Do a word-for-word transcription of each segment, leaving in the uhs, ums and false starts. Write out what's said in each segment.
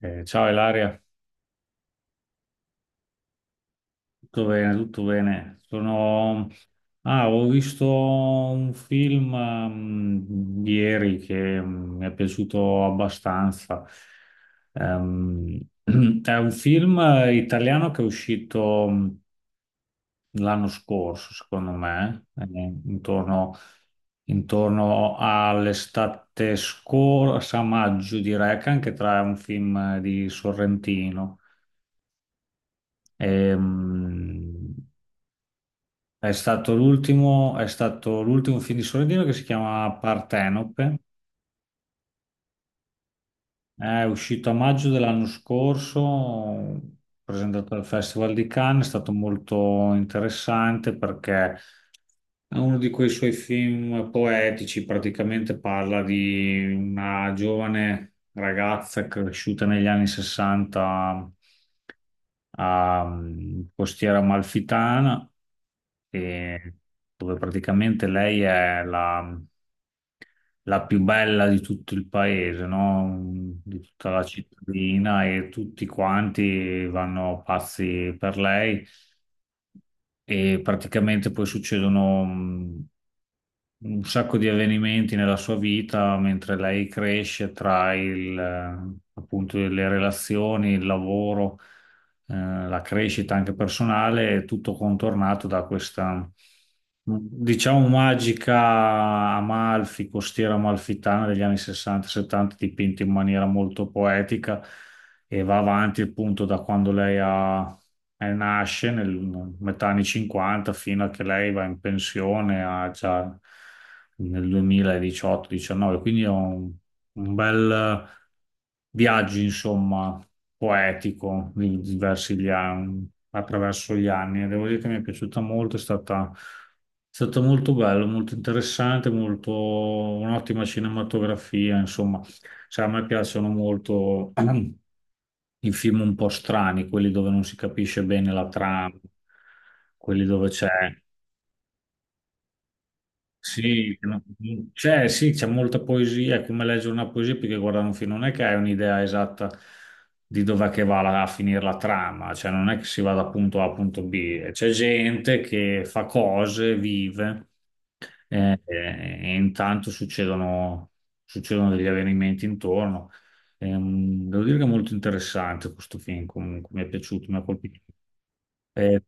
Eh, ciao Ilaria, tutto bene, tutto bene. Sono... Ah, ho visto un film ehm, ieri che mm, mi è piaciuto abbastanza. Ehm, è un film eh, italiano che è uscito mm, l'anno scorso, secondo me, eh, intorno, intorno all'estate scorsa, a maggio direi, che anche tra è un film eh, di Sorrentino. Ehm, È stato l'ultimo è stato l'ultimo film di Sorrentino che si chiama Partenope, è uscito a maggio dell'anno scorso, presentato al Festival di Cannes, è stato molto interessante perché è uno di quei suoi film poetici, praticamente parla di una giovane ragazza cresciuta negli anni sessanta a mm, Costiera Amalfitana, e dove praticamente lei è la la più bella di tutto il paese, no? Di tutta la cittadina e tutti quanti vanno pazzi per lei e praticamente poi succedono mh, un sacco di avvenimenti nella sua vita mentre lei cresce tra il, eh, appunto, le relazioni, il lavoro, eh, la crescita anche personale, è tutto contornato da questa, mh, diciamo, magica Amalfi, costiera amalfitana degli anni sessanta settanta, dipinta in maniera molto poetica e va avanti appunto da quando lei ha eh, nasce nel metà anni cinquanta fino a che lei va in pensione a già nel duemiladiciotto-diciannove, quindi è un, un bel viaggio, insomma, poetico di diversi gli anni, attraverso gli anni. E Devo dire che mi è piaciuta molto, è stata, è stato molto bello, molto interessante, molto un'ottima cinematografia, insomma. Sai, a me piacciono molto i film un po' strani, quelli dove non si capisce bene la trama, quelli dove c'è... Sì, no, c'è sì, c'è molta poesia, è come leggere una poesia perché guardare un film non è che hai un'idea esatta di dov'è che va la- a finire la trama, cioè non è che si va da punto A a punto B, c'è gente che fa cose, vive. Eh, eh, e intanto succedono, succedono degli avvenimenti intorno. Ehm, devo dire che è molto interessante questo film, comunque mi è piaciuto, mi ha colpito. Eh,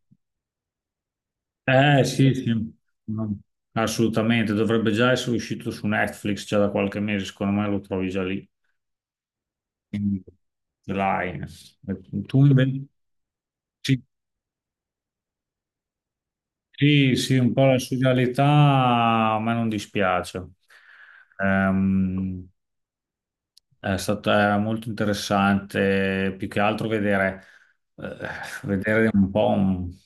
eh, sì, sì, no, assolutamente, dovrebbe già essere uscito su Netflix già da qualche mese, secondo me lo trovi già lì, in line. Tu invece- sì, sì, sì, un po' la serialità a me non dispiace. Ehm, È stato era molto interessante, più che altro vedere, eh, vedere un po' un-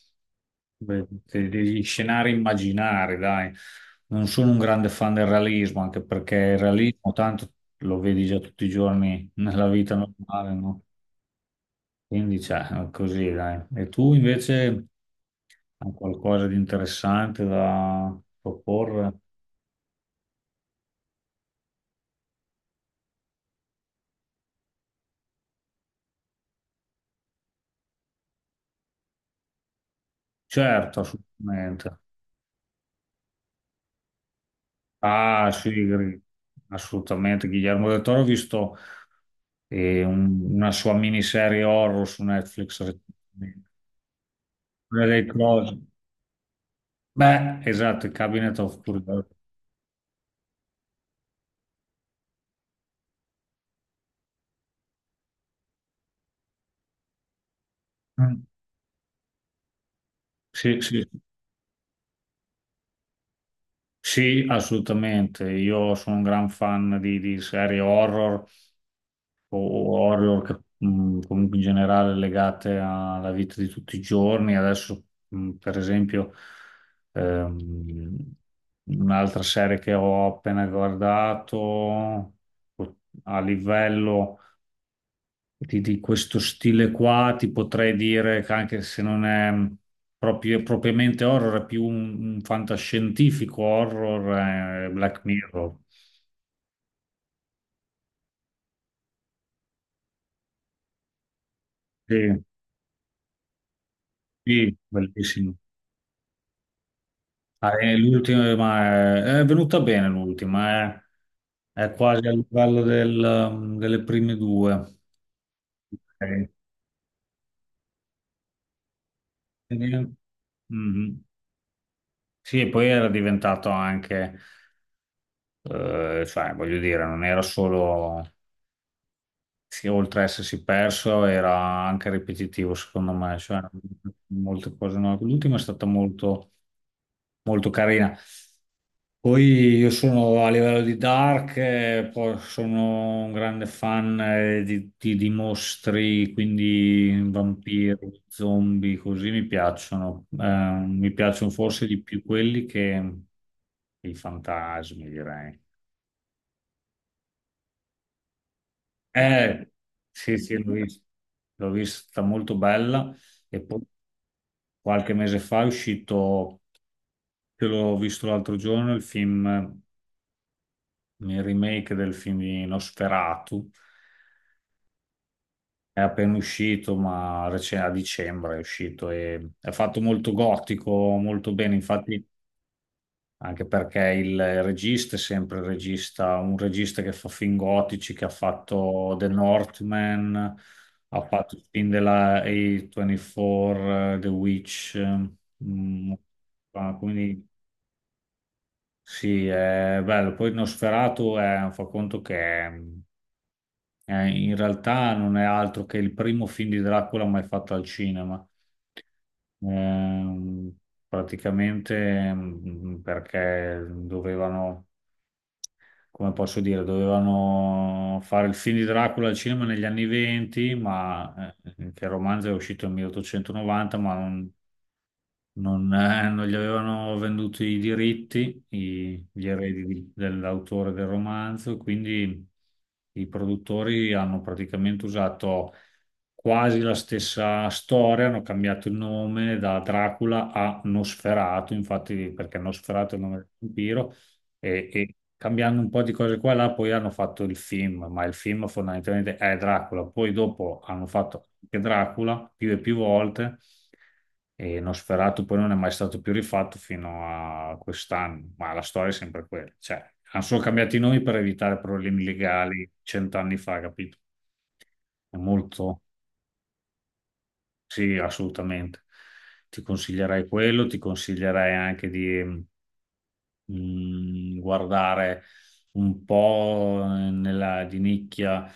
de- de- degli scenari immaginari, dai. Non sono un grande fan del realismo, anche perché il realismo tanto lo vedi già tutti i giorni nella vita normale, no? Quindi, cioè, è così, dai. E tu invece hai qualcosa di interessante da proporre? Certo, assolutamente. Ah, sì, Gri- assolutamente. Guillermo del Toro, ho visto e un- una sua miniserie horror su Netflix recentemente. Quella dei Cross. Beh, esatto, il Cabinet of Curiosity. Mm. Sì, sì, sì, assolutamente. Io sono un gran fan di, di serie horror o o horror che, mh, comunque in generale legate alla vita di tutti i giorni. Adesso, mh, per esempio, ehm, un'altra serie che ho appena guardato a livello di, di questo stile qua, ti potrei dire che anche se non è mm, proprio- propriamente horror, è più un, un fantascientifico horror, eh, Black Mirror. Sì, sì, bellissimo. Ah, è l'ultima, ma è, è venuta bene l'ultima, eh. È quasi al livello del, um, delle prime due. Ok. Quindi, mhm. Sì, e poi era diventato anche, eh, cioè, voglio dire, non era solo sì, oltre a essersi perso, era anche ripetitivo, secondo me, cioè molte cose no. L'ultima è stata molto, molto carina. Poi io sono a livello di Dark, eh, poi sono un grande fan eh, di, di- di mostri, quindi vampiri, zombie, così mi piacciono. Eh, mi piacciono forse di più quelli che i fantasmi, direi. Eh, sì, sì, l'ho vista, l'ho vista molto bella. E poi qualche mese fa è uscito, che l'ho visto l'altro giorno, il film, il remake del film di Nosferatu. È appena uscito, ma rec- a dicembre è uscito e è fatto molto gotico, molto bene. Infatti, anche perché il regista è sempre il regista, un regista che fa film gotici, che ha fatto The Northman, ha fatto il film della A ventiquattro, eh, The Witch. eh, mm, fa- quindi sì, è bello. Poi Nosferatu è, fa conto che mm, è- in realtà non è altro che il primo film di Dracula mai fatto al cinema. Ehm, praticamente mm, perché dovevano, come posso dire, dovevano fare il film di Dracula al cinema negli anni venti, ma eh, che il romanzo è uscito nel milleottocentonovanta, ma non non, eh, non gli avevano venduto i diritti, i- gli eredi di- dell'autore del romanzo, quindi i produttori hanno praticamente usato quasi la stessa storia, hanno cambiato il nome da Dracula a Nosferatu, infatti perché Nosferatu è il nome del vampiro, e, e cambiando un po' di cose qua e là, poi hanno fatto il film, ma il film fondamentalmente è Dracula, poi dopo hanno fatto anche Dracula più e più volte e Nosferatu poi non è mai stato più rifatto fino a quest'anno, ma la storia è sempre quella. Cioè, hanno solo cambiato i nomi per evitare problemi legali cent'anni fa, capito? È molto, sì, assolutamente. Ti consiglierei quello, ti consiglierei anche di mm, guardare un po' nella di nicchia.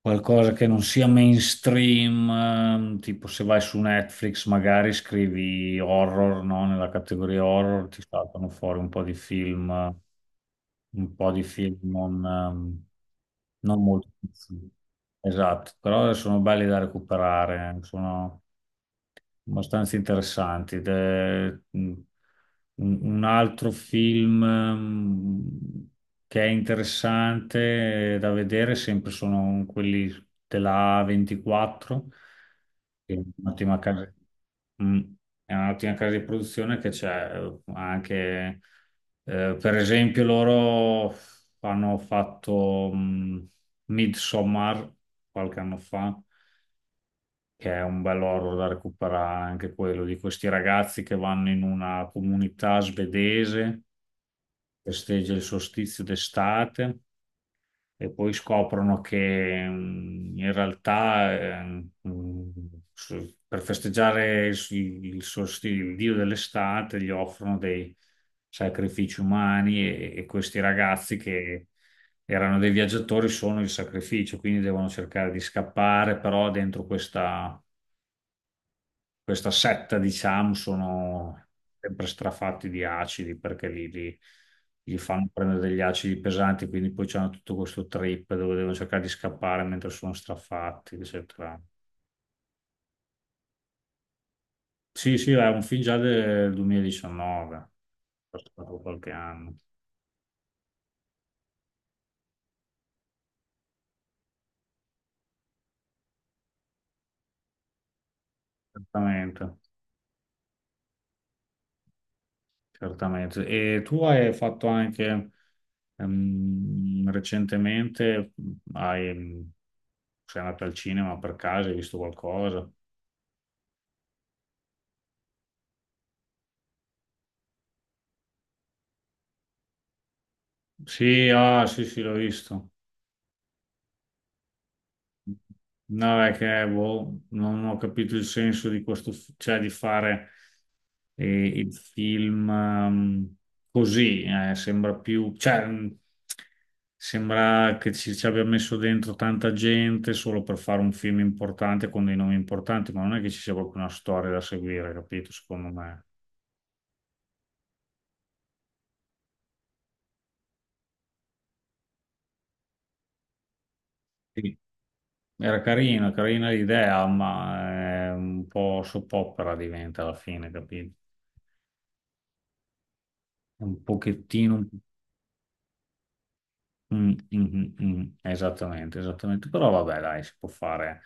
Qualcosa che non sia mainstream, ehm, tipo se vai su Netflix magari scrivi horror, no? Nella categoria horror ti saltano fuori un po' di film, un po' di film non, ehm, non molto conosciuti. Esatto, però sono belli da recuperare, eh, sono abbastanza interessanti. Ed è mm, un un altro film mm, che è interessante eh, da vedere, sempre sono quelli della A ventiquattro, che è un'ottima casa, mm, è un'ottima casa di produzione che c'è eh, anche, eh, per esempio, loro hanno fatto mm, Midsommar qualche anno fa che è un bello horror da recuperare anche quello, di questi ragazzi che vanno in una comunità svedese, festeggia il solstizio d'estate e poi scoprono che mm, in realtà eh, mm, s- per festeggiare il, il solsti- il dio dell'estate gli offrono dei sacrifici umani e, e questi ragazzi che erano dei viaggiatori sono il sacrificio, quindi devono cercare di scappare, però dentro questa questa setta, diciamo, sono sempre strafatti di acidi perché li, li- gli fanno prendere degli acidi pesanti, quindi poi c'hanno tutto questo trip dove devono cercare di scappare mentre sono strafatti, eccetera. Sì, sì, è un film già del duemiladiciannove, passato qualche anno. Certamente, certamente. E tu hai fatto anche ehm, recentemente, hai, sei andato al cinema per caso, hai visto qualcosa? Sì, ah, sì, sì, l'ho visto. No, è che boh, non ho capito il senso di questo, fi- cioè di fare eh, il film ehm, così, eh, sembra più, cioè, mh, sembra che ci, ci abbia messo dentro tanta gente solo per fare un film importante con dei nomi importanti, ma non è che ci sia proprio una storia da seguire, capito? Secondo me. Sì. Era carina, carina l'idea, ma è un po' soppopera diventa alla fine, capito? Un pochettino... un- mm, mm, mm, mm. Esattamente, esattamente. Però vabbè, dai, si può fare,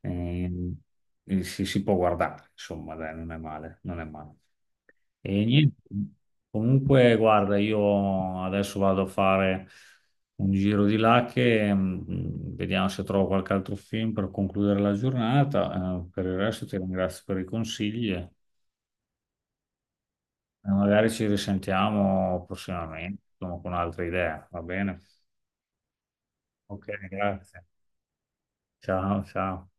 ehm, eh, si, si può guardare, insomma, dai, non è male, non è male. E niente, comunque, guarda, io adesso vado a fare un giro di là che mm, vediamo se trovo qualche altro film per concludere la giornata. Eh, per il resto ti ringrazio per i consigli e magari ci risentiamo prossimamente, insomma, con altre idee, va bene? Ok, grazie. Ciao, ciao.